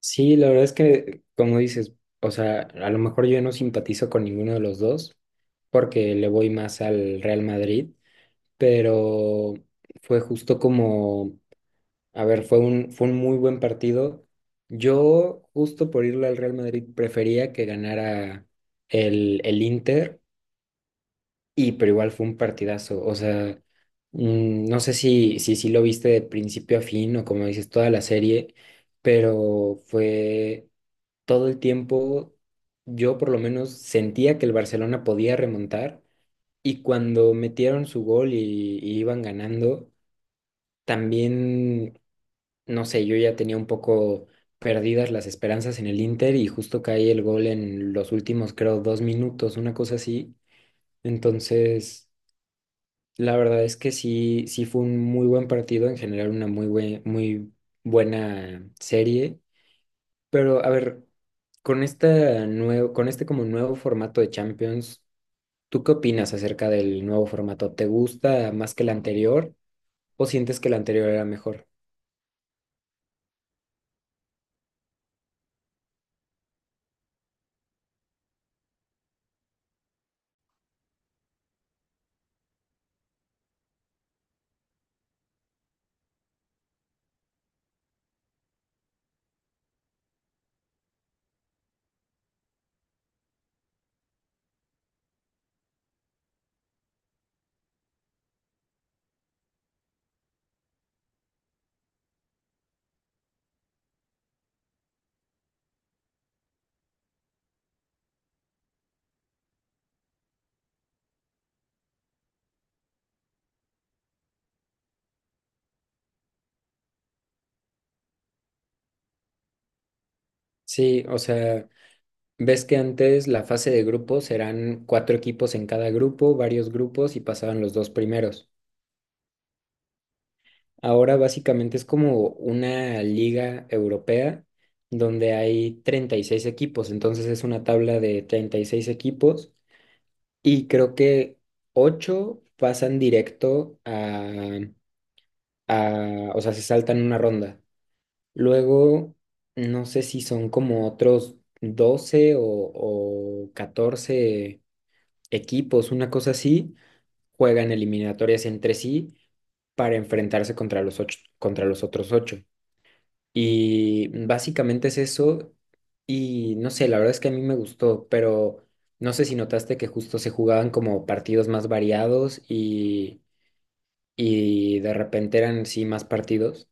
Sí, la verdad es que, como dices, o sea, a lo mejor yo no simpatizo con ninguno de los dos porque le voy más al Real Madrid, pero fue justo como, a ver, fue un, muy buen partido. Yo, justo por irle al Real Madrid, prefería que ganara el, Inter, y pero igual fue un partidazo. O sea, no sé si lo viste de principio a fin o como dices, toda la serie, pero fue todo el tiempo yo por lo menos sentía que el Barcelona podía remontar y cuando metieron su gol y iban ganando, también, no sé, yo ya tenía un poco perdidas las esperanzas en el Inter y justo cae el gol en los últimos, creo, 2 minutos, una cosa así. Entonces, la verdad es que sí, sí fue un muy buen partido en general, una muy buena serie. Pero a ver, con este como nuevo formato de Champions, ¿tú qué opinas acerca del nuevo formato? ¿Te gusta más que el anterior o sientes que el anterior era mejor? Sí, o sea, ves que antes la fase de grupos eran cuatro equipos en cada grupo, varios grupos y pasaban los dos primeros. Ahora básicamente es como una liga europea donde hay 36 equipos, entonces es una tabla de 36 equipos. Y creo que ocho pasan directo a, o sea, se saltan una ronda. Luego, no sé si son como otros 12 o 14 equipos, una cosa así, juegan eliminatorias entre sí para enfrentarse contra los ocho, contra los otros ocho. Y básicamente es eso. Y no sé, la verdad es que a mí me gustó, pero no sé si notaste que justo se jugaban como partidos más variados y de repente eran sí más partidos.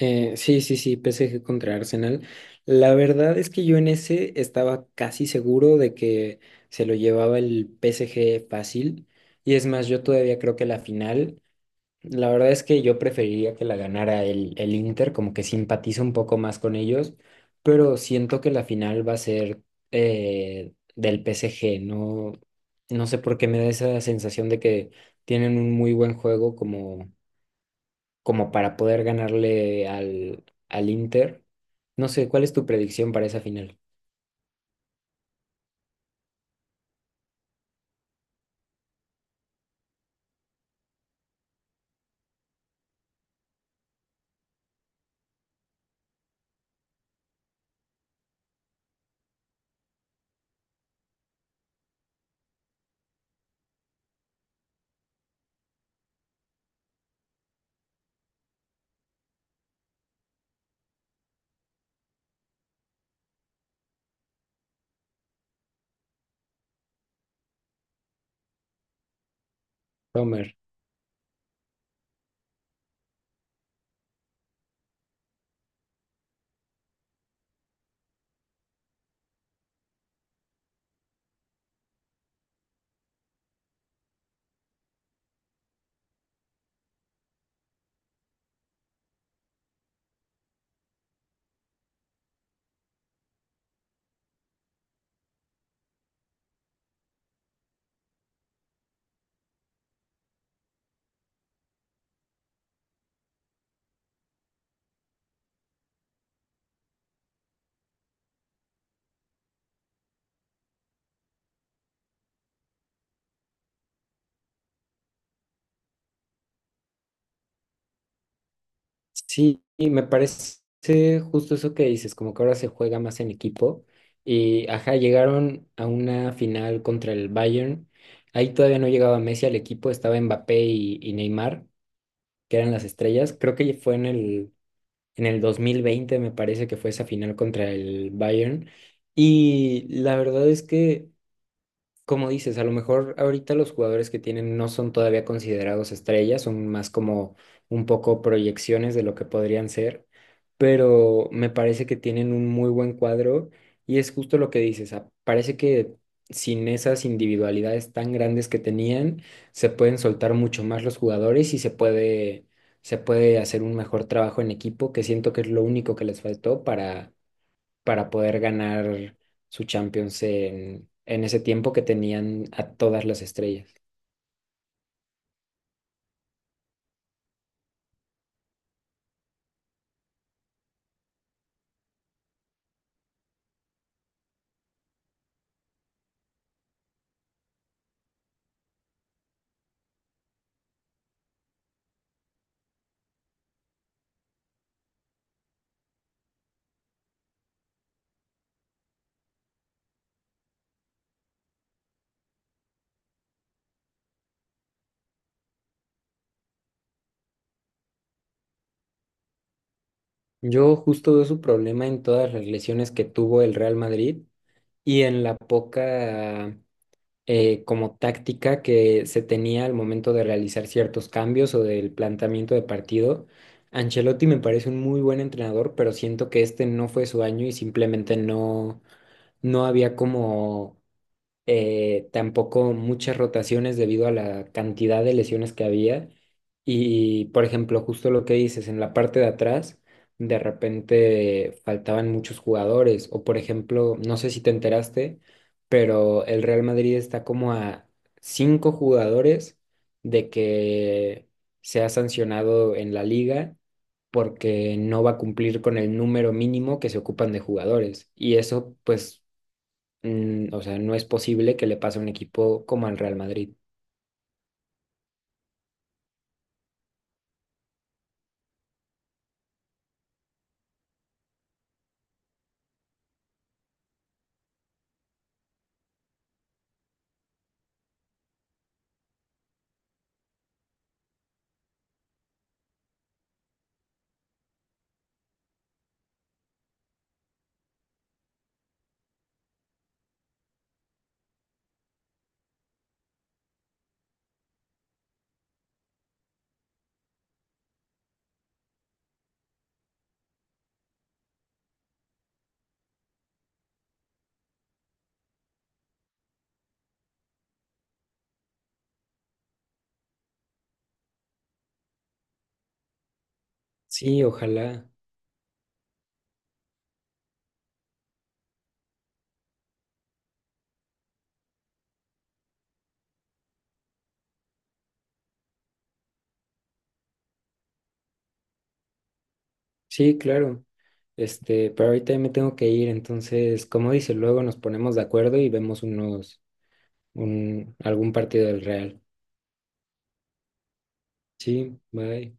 Sí, sí, sí, PSG contra Arsenal. La verdad es que yo en ese estaba casi seguro de que se lo llevaba el PSG fácil. Y es más, yo todavía creo que la final. La verdad es que yo preferiría que la ganara el, Inter, como que simpatizo un poco más con ellos, pero siento que la final va a ser del PSG, no, no sé por qué me da esa sensación de que tienen un muy buen juego como para poder ganarle al Inter. No sé, ¿cuál es tu predicción para esa final, Romer? Sí, y me parece justo eso que dices, como que ahora se juega más en equipo. Y ajá, llegaron a una final contra el Bayern. Ahí todavía no llegaba Messi al equipo, estaba Mbappé y Neymar, que eran las estrellas. Creo que fue en el 2020 me parece que fue esa final contra el Bayern. Y la verdad es que como dices, a lo mejor ahorita los jugadores que tienen no son todavía considerados estrellas, son más como un poco proyecciones de lo que podrían ser, pero me parece que tienen un muy buen cuadro y es justo lo que dices, parece que sin esas individualidades tan grandes que tenían, se pueden soltar mucho más los jugadores y se puede hacer un mejor trabajo en equipo, que siento que es lo único que les faltó para poder ganar su Champions en ese tiempo que tenían a todas las estrellas. Yo justo veo su problema en todas las lesiones que tuvo el Real Madrid y en la poca como táctica que se tenía al momento de realizar ciertos cambios o del planteamiento de partido. Ancelotti me parece un muy buen entrenador, pero siento que este no fue su año y simplemente no había como tampoco muchas rotaciones debido a la cantidad de lesiones que había. Y, por ejemplo, justo lo que dices, en la parte de atrás, de repente faltaban muchos jugadores. O, por ejemplo, no sé si te enteraste, pero el Real Madrid está como a cinco jugadores de que sea sancionado en la liga porque no va a cumplir con el número mínimo que se ocupan de jugadores. Y eso, pues o sea, no es posible que le pase a un equipo como al Real Madrid. Sí, ojalá. Sí, claro. Pero ahorita ya me tengo que ir, entonces, como dice, luego nos ponemos de acuerdo y vemos algún partido del Real. Sí, bye.